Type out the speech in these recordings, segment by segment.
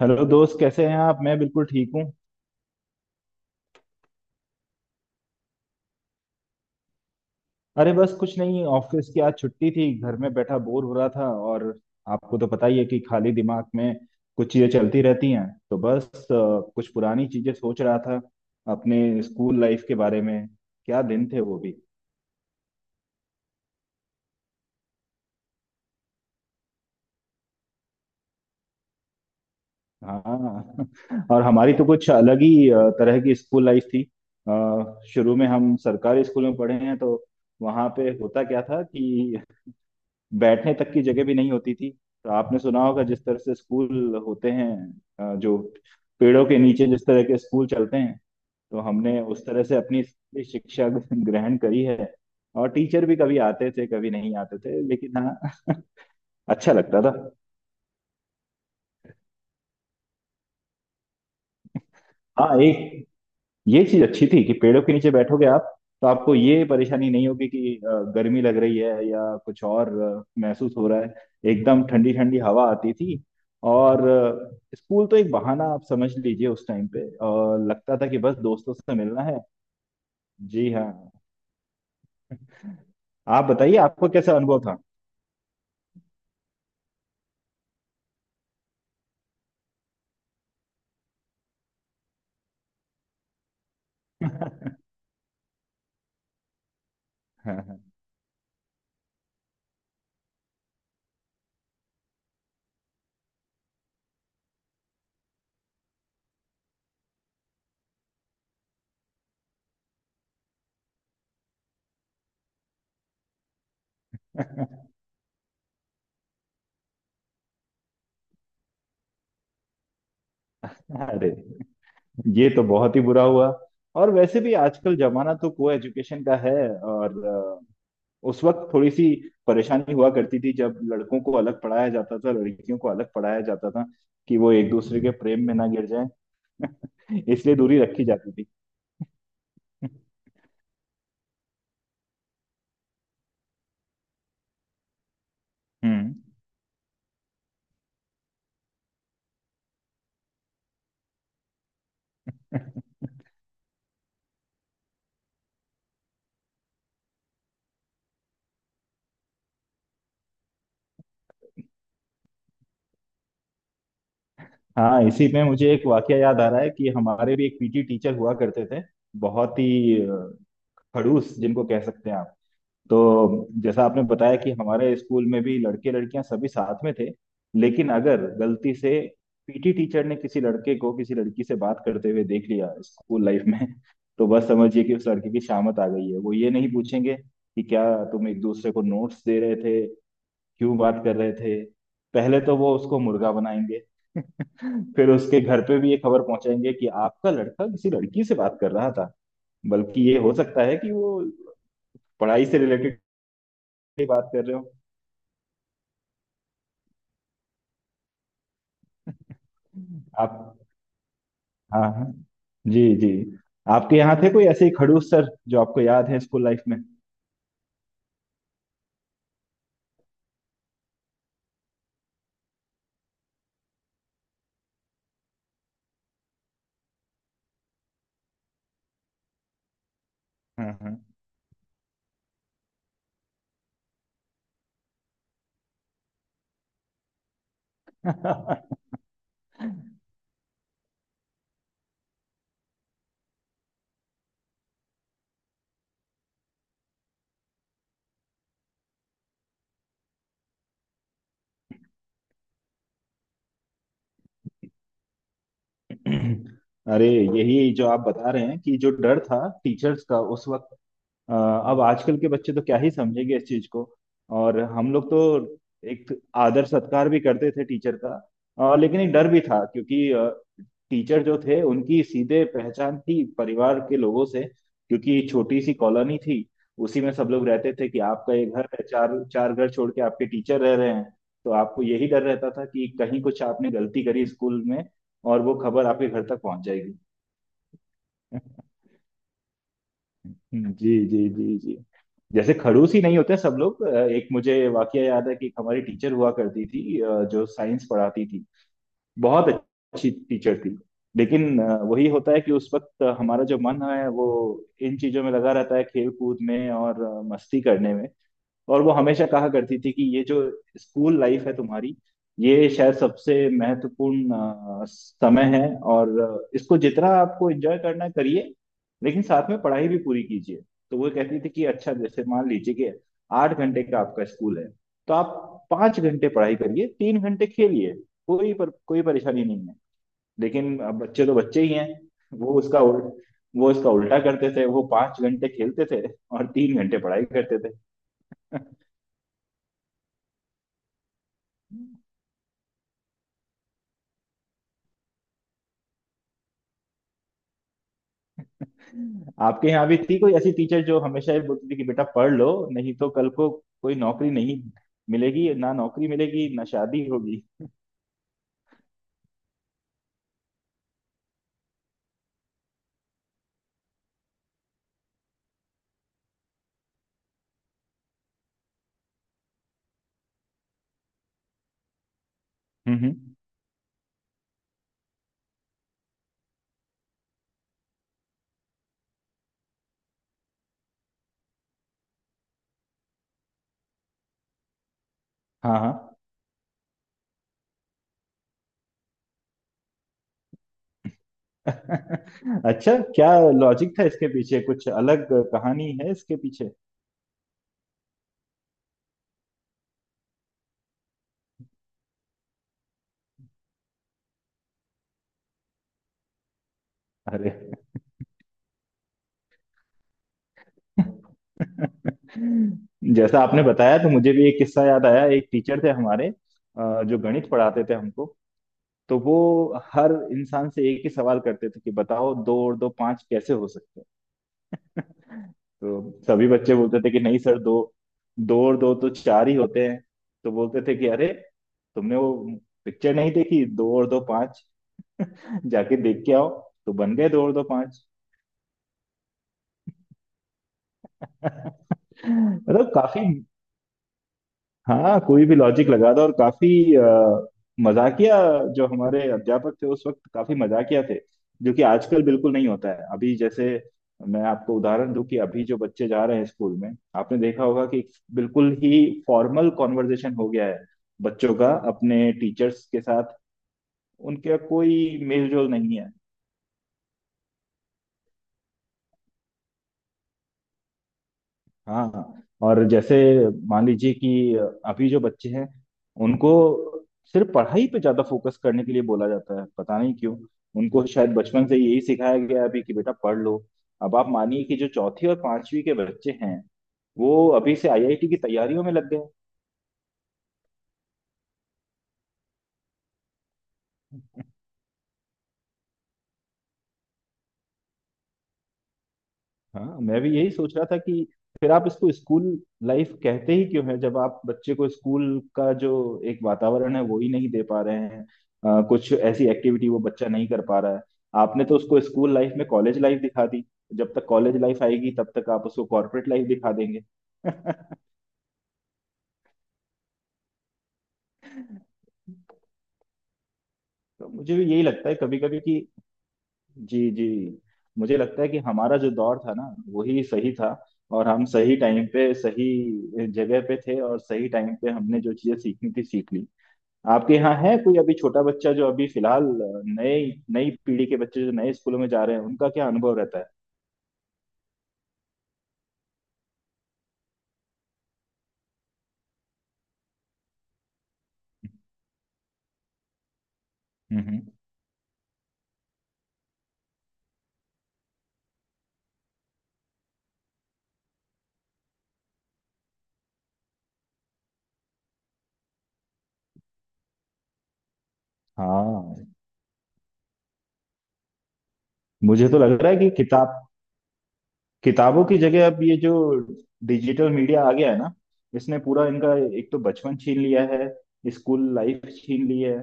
Hello दोस्त, कैसे हैं आप? मैं बिल्कुल ठीक हूँ। अरे बस कुछ नहीं, ऑफिस की आज छुट्टी थी, घर में बैठा बोर हो रहा था। और आपको तो पता ही है कि खाली दिमाग में कुछ चीजें चलती रहती हैं, तो बस कुछ पुरानी चीजें सोच रहा था, अपने स्कूल लाइफ के बारे में। क्या दिन थे वो भी। हाँ और हमारी तो कुछ अलग ही तरह की स्कूल लाइफ थी। शुरू में हम सरकारी स्कूल में पढ़े हैं, तो वहाँ पे होता क्या था कि बैठने तक की जगह भी नहीं होती थी। तो आपने सुना होगा जिस तरह से स्कूल होते हैं, जो पेड़ों के नीचे जिस तरह के स्कूल चलते हैं, तो हमने उस तरह से अपनी स्कूली शिक्षा ग्रहण करी है। और टीचर भी कभी आते थे कभी नहीं आते थे, लेकिन हाँ अच्छा लगता था। हाँ, एक ये चीज अच्छी थी कि पेड़ों के नीचे बैठोगे आप, तो आपको ये परेशानी नहीं होगी कि गर्मी लग रही है या कुछ और महसूस हो रहा है। एकदम ठंडी ठंडी हवा आती थी। और स्कूल तो एक बहाना, आप समझ लीजिए उस टाइम पे, और लगता था कि बस दोस्तों से मिलना है। जी हाँ। आप बताइए, आपको कैसा अनुभव था? अरे, ये तो बहुत ही बुरा हुआ। और वैसे भी आजकल जमाना तो को एजुकेशन का है। और उस वक्त थोड़ी सी परेशानी हुआ करती थी जब लड़कों को अलग पढ़ाया जाता था, लड़कियों को अलग पढ़ाया जाता था, कि वो एक दूसरे के प्रेम में ना गिर जाए। इसलिए दूरी रखी जाती थी। हम्म। हाँ, इसी में मुझे एक वाकया याद आ रहा है कि हमारे भी एक पीटी टीचर हुआ करते थे, बहुत ही खड़ूस जिनको कह सकते हैं आप। तो जैसा आपने बताया कि हमारे स्कूल में भी लड़के लड़कियां सभी साथ में थे, लेकिन अगर गलती से पीटी टीचर ने किसी लड़के को किसी लड़की से बात करते हुए देख लिया स्कूल लाइफ में, तो बस समझिए कि उस लड़के की शामत आ गई है। वो ये नहीं पूछेंगे कि क्या तुम एक दूसरे को नोट्स दे रहे थे, क्यों बात कर रहे थे। पहले तो वो उसको मुर्गा बनाएंगे, फिर उसके घर पे भी ये खबर पहुंचाएंगे कि आपका लड़का किसी लड़की से बात कर रहा था। बल्कि ये हो सकता है कि वो पढ़ाई से रिलेटेड की बात कर रहे हो। आप, हाँ हाँ, जी जी। आपके यहाँ थे कोई ऐसे ही खड़ूस सर जो आपको याद है स्कूल लाइफ में? हाँ हाँ। अरे, यही जो आप बता रहे हैं कि जो डर था टीचर्स का उस वक्त, अब आजकल के बच्चे तो क्या ही समझेंगे इस चीज को। और हम लोग तो एक आदर सत्कार भी करते थे टीचर का, लेकिन एक डर भी था, क्योंकि टीचर जो थे उनकी सीधे पहचान थी परिवार के लोगों से, क्योंकि छोटी सी कॉलोनी थी। उसी में सब लोग रहते थे कि आपका ये घर है, चार चार घर छोड़ के आपके टीचर रह रहे हैं। तो आपको यही डर रहता था कि कहीं कुछ आपने गलती करी स्कूल में और वो खबर आपके घर तक पहुंच जाएगी। जी जी जी जी। जैसे खड़ूस ही नहीं होते सब लोग। एक मुझे वाकया याद है कि एक हमारी टीचर हुआ करती थी, जो साइंस पढ़ाती थी, बहुत अच्छी टीचर थी। लेकिन वही होता है कि उस वक्त हमारा जो मन है वो इन चीजों में लगा रहता है, खेल कूद में और मस्ती करने में। और वो हमेशा कहा करती थी कि ये जो स्कूल लाइफ है तुम्हारी, ये शायद सबसे महत्वपूर्ण समय है, और इसको जितना आपको एंजॉय करना है करिए, लेकिन साथ में पढ़ाई भी पूरी कीजिए। तो वो कहती थी कि अच्छा जैसे मान लीजिए कि आठ घंटे का आपका स्कूल है, तो आप पाँच घंटे पढ़ाई करिए, तीन घंटे खेलिए, कोई पर कोई परेशानी नहीं है। लेकिन अब बच्चे तो बच्चे ही हैं, वो उसका उल्ट, वो इसका उल्टा करते थे, वो पाँच घंटे खेलते थे और तीन घंटे पढ़ाई करते थे। आपके यहाँ भी थी कोई ऐसी टीचर जो हमेशा ये बोलती थी कि बेटा पढ़ लो, नहीं तो कल को कोई नौकरी नहीं मिलेगी, ना नौकरी मिलेगी ना शादी होगी? हम्म हम्म, हाँ हाँ। अच्छा, क्या लॉजिक था इसके पीछे? कुछ अलग कहानी है इसके पीछे। अरे। जैसा आपने बताया तो मुझे भी एक किस्सा याद आया। एक टीचर थे हमारे, जो गणित पढ़ाते थे हमको। तो वो हर इंसान से एक ही सवाल करते थे कि बताओ, दो और दो पांच कैसे हो सकते हैं? तो सभी बच्चे बोलते थे कि नहीं सर, दो दो और दो तो चार ही होते हैं। तो बोलते थे कि अरे तुमने वो पिक्चर नहीं देखी, दो और दो पांच? जाके देख के आओ। तो बन गए दो और दो पांच। मतलब काफी, हाँ, कोई भी लॉजिक लगा दो। और काफी अ, मजाकिया जो हमारे अध्यापक थे उस वक्त, काफी मजाकिया थे, जो कि आजकल बिल्कुल नहीं होता है। अभी जैसे मैं आपको उदाहरण दूं कि अभी जो बच्चे जा रहे हैं स्कूल में, आपने देखा होगा कि बिल्कुल ही फॉर्मल कॉन्वर्जेशन हो गया है बच्चों का अपने टीचर्स के साथ, उनका कोई मेलजोल नहीं है। हाँ, और जैसे मान लीजिए कि अभी जो बच्चे हैं, उनको सिर्फ पढ़ाई पे ज्यादा फोकस करने के लिए बोला जाता है, पता नहीं क्यों। उनको शायद बचपन से यही सिखाया गया है अभी कि बेटा पढ़ लो। अब आप मानिए कि जो चौथी और पांचवी के बच्चे हैं, वो अभी से आईआईटी की तैयारियों में लग गए। हाँ, मैं भी यही सोच रहा था कि फिर आप इसको स्कूल लाइफ कहते ही क्यों है जब आप बच्चे को स्कूल का जो एक वातावरण है वो ही नहीं दे पा रहे हैं। कुछ ऐसी एक्टिविटी वो बच्चा नहीं कर पा रहा है। आपने तो उसको स्कूल लाइफ में कॉलेज लाइफ दिखा दी, जब तक कॉलेज लाइफ आएगी तब तक आप उसको कॉर्पोरेट लाइफ दिखा देंगे। तो मुझे भी यही लगता है कभी कभी कि, जी जी, मुझे लगता है कि हमारा जो दौर था ना, वही सही था। और हम सही टाइम पे सही जगह पे थे, और सही टाइम पे हमने जो चीजें सीखनी थी सीख ली। आपके यहाँ है कोई अभी छोटा बच्चा जो अभी फिलहाल, नए, नई पीढ़ी के बच्चे जो नए स्कूलों में जा रहे हैं, उनका क्या अनुभव रहता है? हम्म। हाँ, मुझे तो लग रहा है कि किताब, किताबों की जगह अब ये जो डिजिटल मीडिया आ गया है ना, इसने पूरा इनका एक तो बचपन छीन लिया है, स्कूल लाइफ छीन ली है।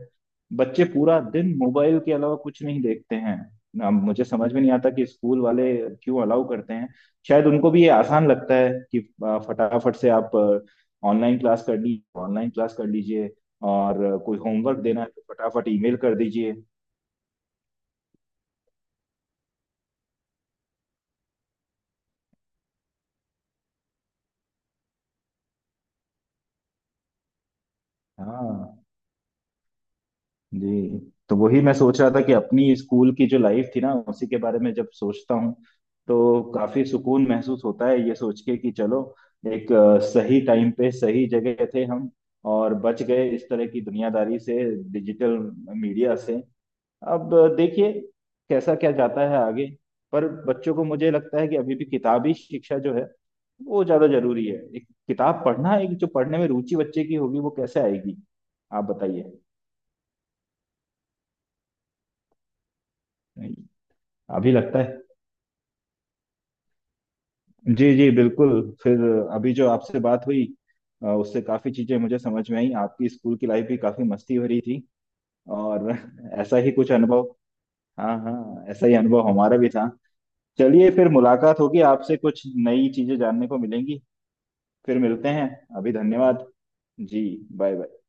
बच्चे पूरा दिन मोबाइल के अलावा कुछ नहीं देखते हैं। ना, मुझे समझ में नहीं आता कि स्कूल वाले क्यों अलाउ करते हैं। शायद उनको भी ये आसान लगता है कि फटाफट से आप ऑनलाइन क्लास कर ली, ऑनलाइन क्लास कर लीजिए, और कोई होमवर्क देना है तो फटाफट ईमेल कर दीजिए। हाँ, जी। तो वही मैं सोच रहा था कि अपनी स्कूल की जो लाइफ थी ना, उसी के बारे में जब सोचता हूँ तो काफी सुकून महसूस होता है, ये सोच के कि चलो एक सही टाइम पे सही जगह थे हम, और बच गए इस तरह की दुनियादारी से, डिजिटल मीडिया से। अब देखिए कैसा क्या जाता है आगे। पर बच्चों को मुझे लगता है कि अभी भी किताबी शिक्षा जो है वो ज्यादा जरूरी है। एक किताब पढ़ना, एक जो पढ़ने में रुचि बच्चे की होगी वो कैसे आएगी? आप बताइए। अभी लगता है, जी जी बिल्कुल। फिर अभी जो आपसे बात हुई, उससे काफी चीजें मुझे समझ में आई। आपकी स्कूल की लाइफ भी काफी मस्ती भरी थी, और ऐसा ही कुछ अनुभव, हाँ हाँ, ऐसा ही अनुभव हमारा भी था। चलिए फिर, मुलाकात होगी आपसे, कुछ नई चीजें जानने को मिलेंगी। फिर मिलते हैं। अभी धन्यवाद। जी। Bye bye.